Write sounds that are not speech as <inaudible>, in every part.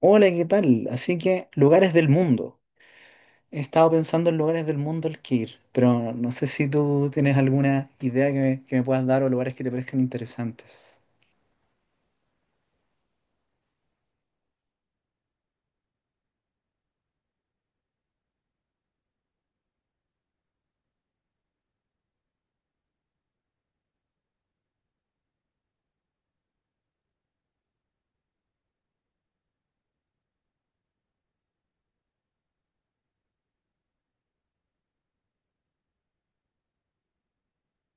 Hola, ¿qué tal? Así que lugares del mundo. He estado pensando en lugares del mundo al que ir, pero no sé si tú tienes alguna idea que me puedas dar o lugares que te parezcan interesantes.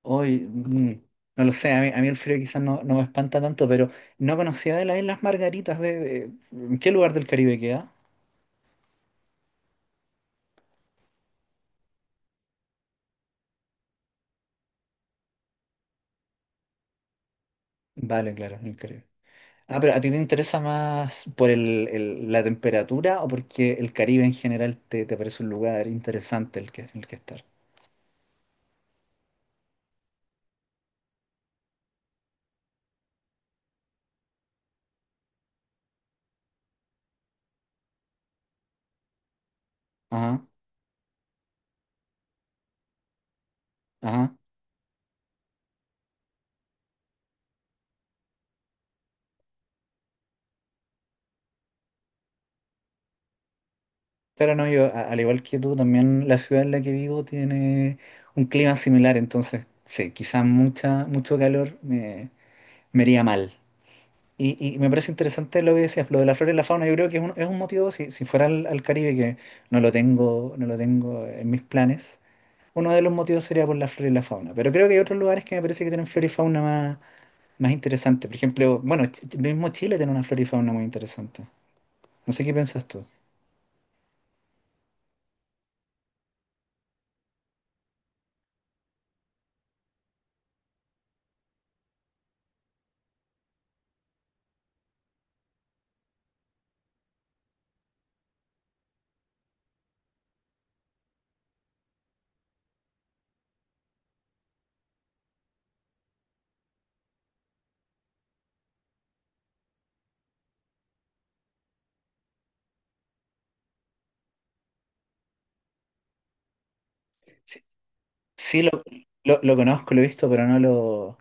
Hoy, no lo sé, a mí el frío quizás no, no me espanta tanto, pero no conocía de las Islas Margaritas ¿en qué lugar del Caribe queda? Vale, claro, en el Caribe. Ah, pero ¿a ti te interesa más por la temperatura o porque el Caribe en general te parece un lugar interesante el que estar? Ajá, ajá. Claro, no, yo, al igual que tú, también la ciudad en la que vivo tiene un clima similar, entonces, sí, quizás mucho calor me haría mal. Y me parece interesante lo que decías, lo de la flora y la fauna, yo creo que es es un motivo, si fuera al Caribe, que no lo tengo, no lo tengo en mis planes, uno de los motivos sería por la flora y la fauna, pero creo que hay otros lugares que me parece que tienen flora y fauna más interesante, por ejemplo, bueno, mismo Chile tiene una flora y fauna muy interesante, no sé qué piensas tú. Sí, lo conozco, lo he visto, pero no lo...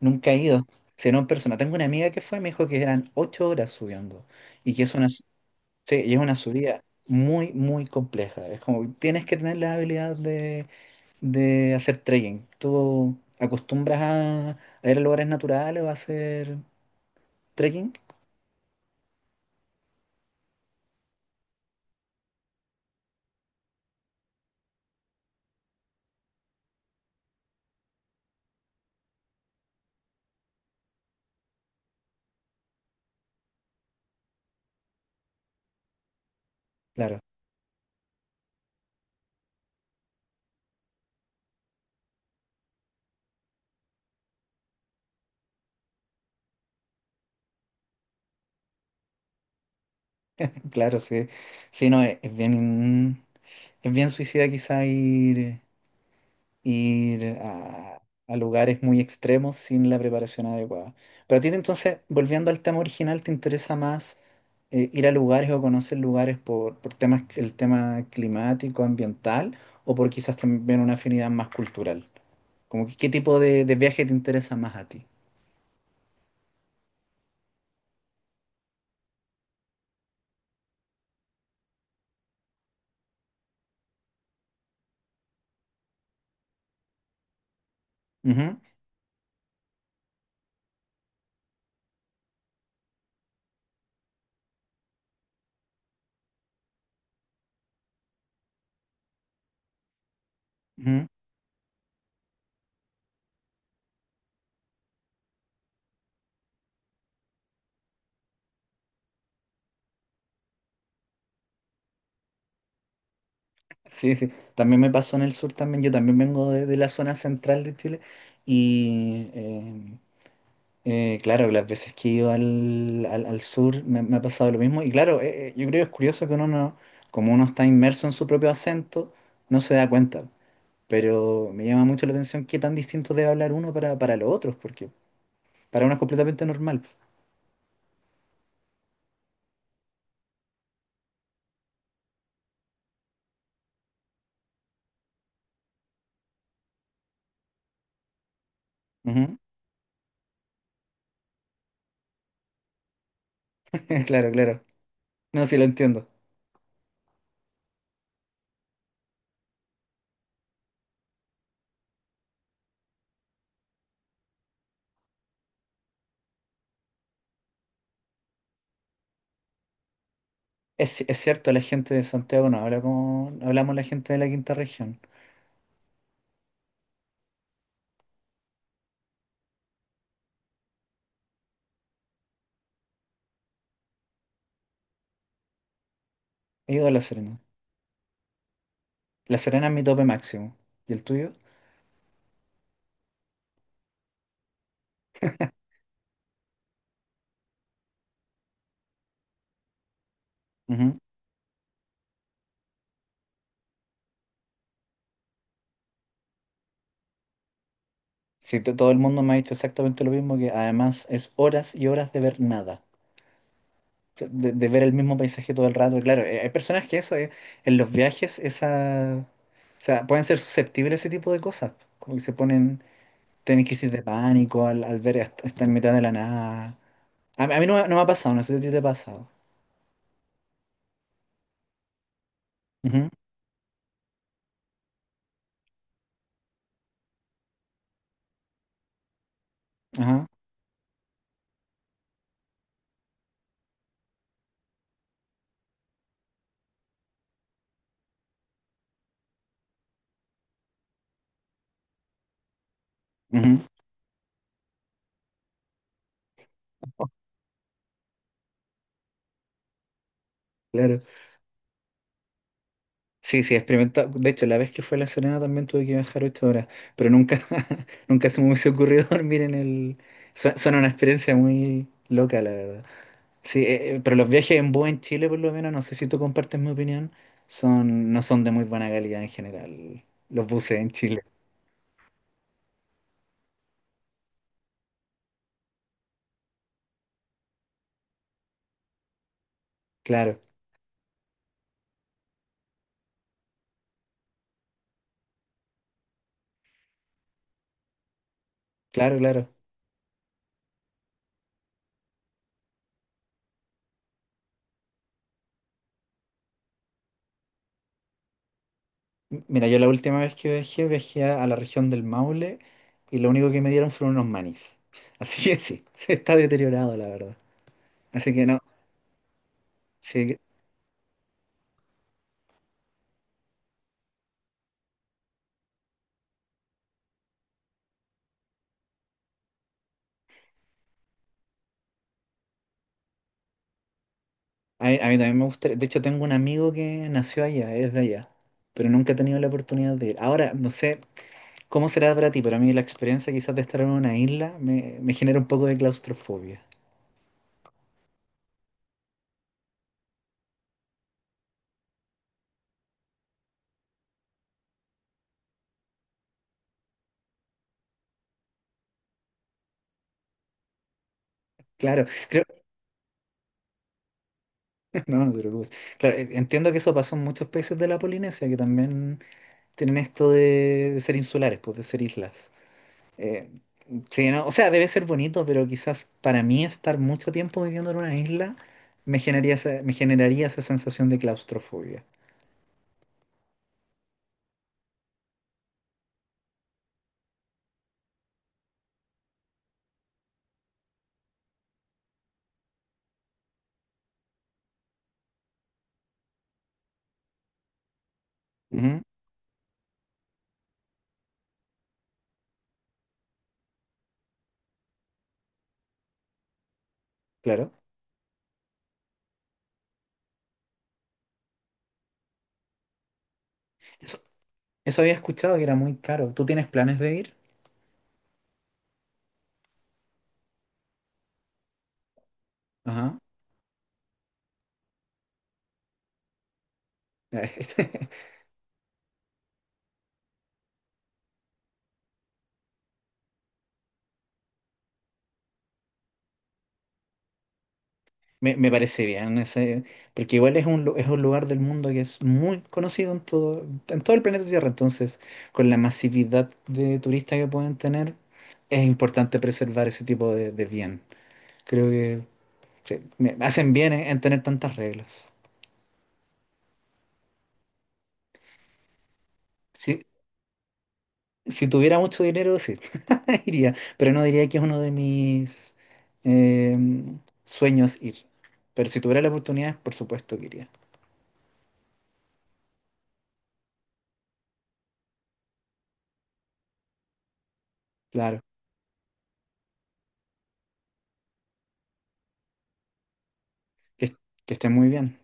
Nunca he ido, sino en persona. Tengo una amiga que fue, me dijo que eran 8 horas subiendo y que es sí, y es una subida muy, muy compleja. Es como, tienes que tener la habilidad de hacer trekking. ¿Tú acostumbras a ir a lugares naturales o a hacer trekking? Claro, <laughs> claro, sí. Sí, no, es bien suicida quizá ir a lugares muy extremos sin la preparación adecuada. Pero a ti entonces, volviendo al tema original, ¿te interesa más ir a lugares o conocer lugares por temas, el tema climático, ambiental, o por quizás también una afinidad más cultural? Como que, ¿qué tipo de viaje te interesa más a ti? Ujú, ujú. Sí, sí. También me pasó en el sur también. Yo también vengo de la zona central de Chile y claro, las veces que he ido al sur me ha pasado lo mismo. Y claro, yo creo que es curioso que uno no, como uno está inmerso en su propio acento, no se da cuenta. Pero me llama mucho la atención qué tan distinto debe hablar uno para los otros, porque para uno es completamente normal. Ujú. <laughs> Claro, claro. No, sí lo entiendo. Es cierto, la gente de Santiago no habla como no hablamos la gente de la quinta región. He ido a La Serena. La Serena es mi tope máximo. ¿Y el tuyo? Sí, todo el mundo me ha dicho exactamente lo mismo, que además es horas y horas de ver nada, de ver el mismo paisaje todo el rato. Y claro, hay personas que eso, en los viajes, esa, o sea, pueden ser susceptibles a ese tipo de cosas, como que se ponen, tienen crisis de pánico al ver estar en mitad de la nada. A mí no, me no me ha pasado, no sé si a ti te ha pasado. Ujú, ajá, ujú. <laughs> Claro. Sí, sí, he experimentado. De hecho, la vez que fue a La Serena también tuve que viajar 8 horas, pero nunca, <laughs> nunca se me hubiese ocurrido <laughs> dormir en el... Suena una experiencia muy loca, la verdad. Sí, pero los viajes en bus en Chile, por lo menos, no sé si tú compartes mi opinión, son, no son de muy buena calidad en general, los buses en Chile. Claro, claro, claro. Mira, yo la última vez que viajé, a la región del Maule y lo único que me dieron fueron unos manís. <laughs> Así que sí, <laughs> se está deteriorado, la verdad. Así que no. Sí, a mí también me gusta, de hecho tengo un amigo que nació allá, es de allá, pero nunca he tenido la oportunidad de ir. Ahora, no sé cómo será para ti, pero a mí la experiencia quizás de estar en una isla me genera un poco de claustrofobia. Claro, creo, <laughs> no, no te preocupes. Claro, entiendo que eso pasó en muchos países de la Polinesia, que también tienen esto de ser insulares, pues de ser islas. Eh, sí, no, o sea, debe ser bonito, pero quizás para mí estar mucho tiempo viviendo en una isla me generaría me generaría esa sensación de claustrofobia. Claro. Eso, eso había escuchado que era muy caro. ¿Tú tienes planes de ir? Ajá. <laughs> Me parece bien ese, porque igual es un lugar del mundo que es muy conocido en todo el planeta Tierra. Entonces, con la masividad de turistas que pueden tener, es importante preservar ese tipo de bien. Creo que sí, me hacen bien en tener tantas reglas. Sí, si tuviera mucho dinero, sí, <laughs> iría, pero no diría que es uno de mis sueños ir. Pero si tuviera la oportunidad, por supuesto que iría. Claro, que, que esté muy bien.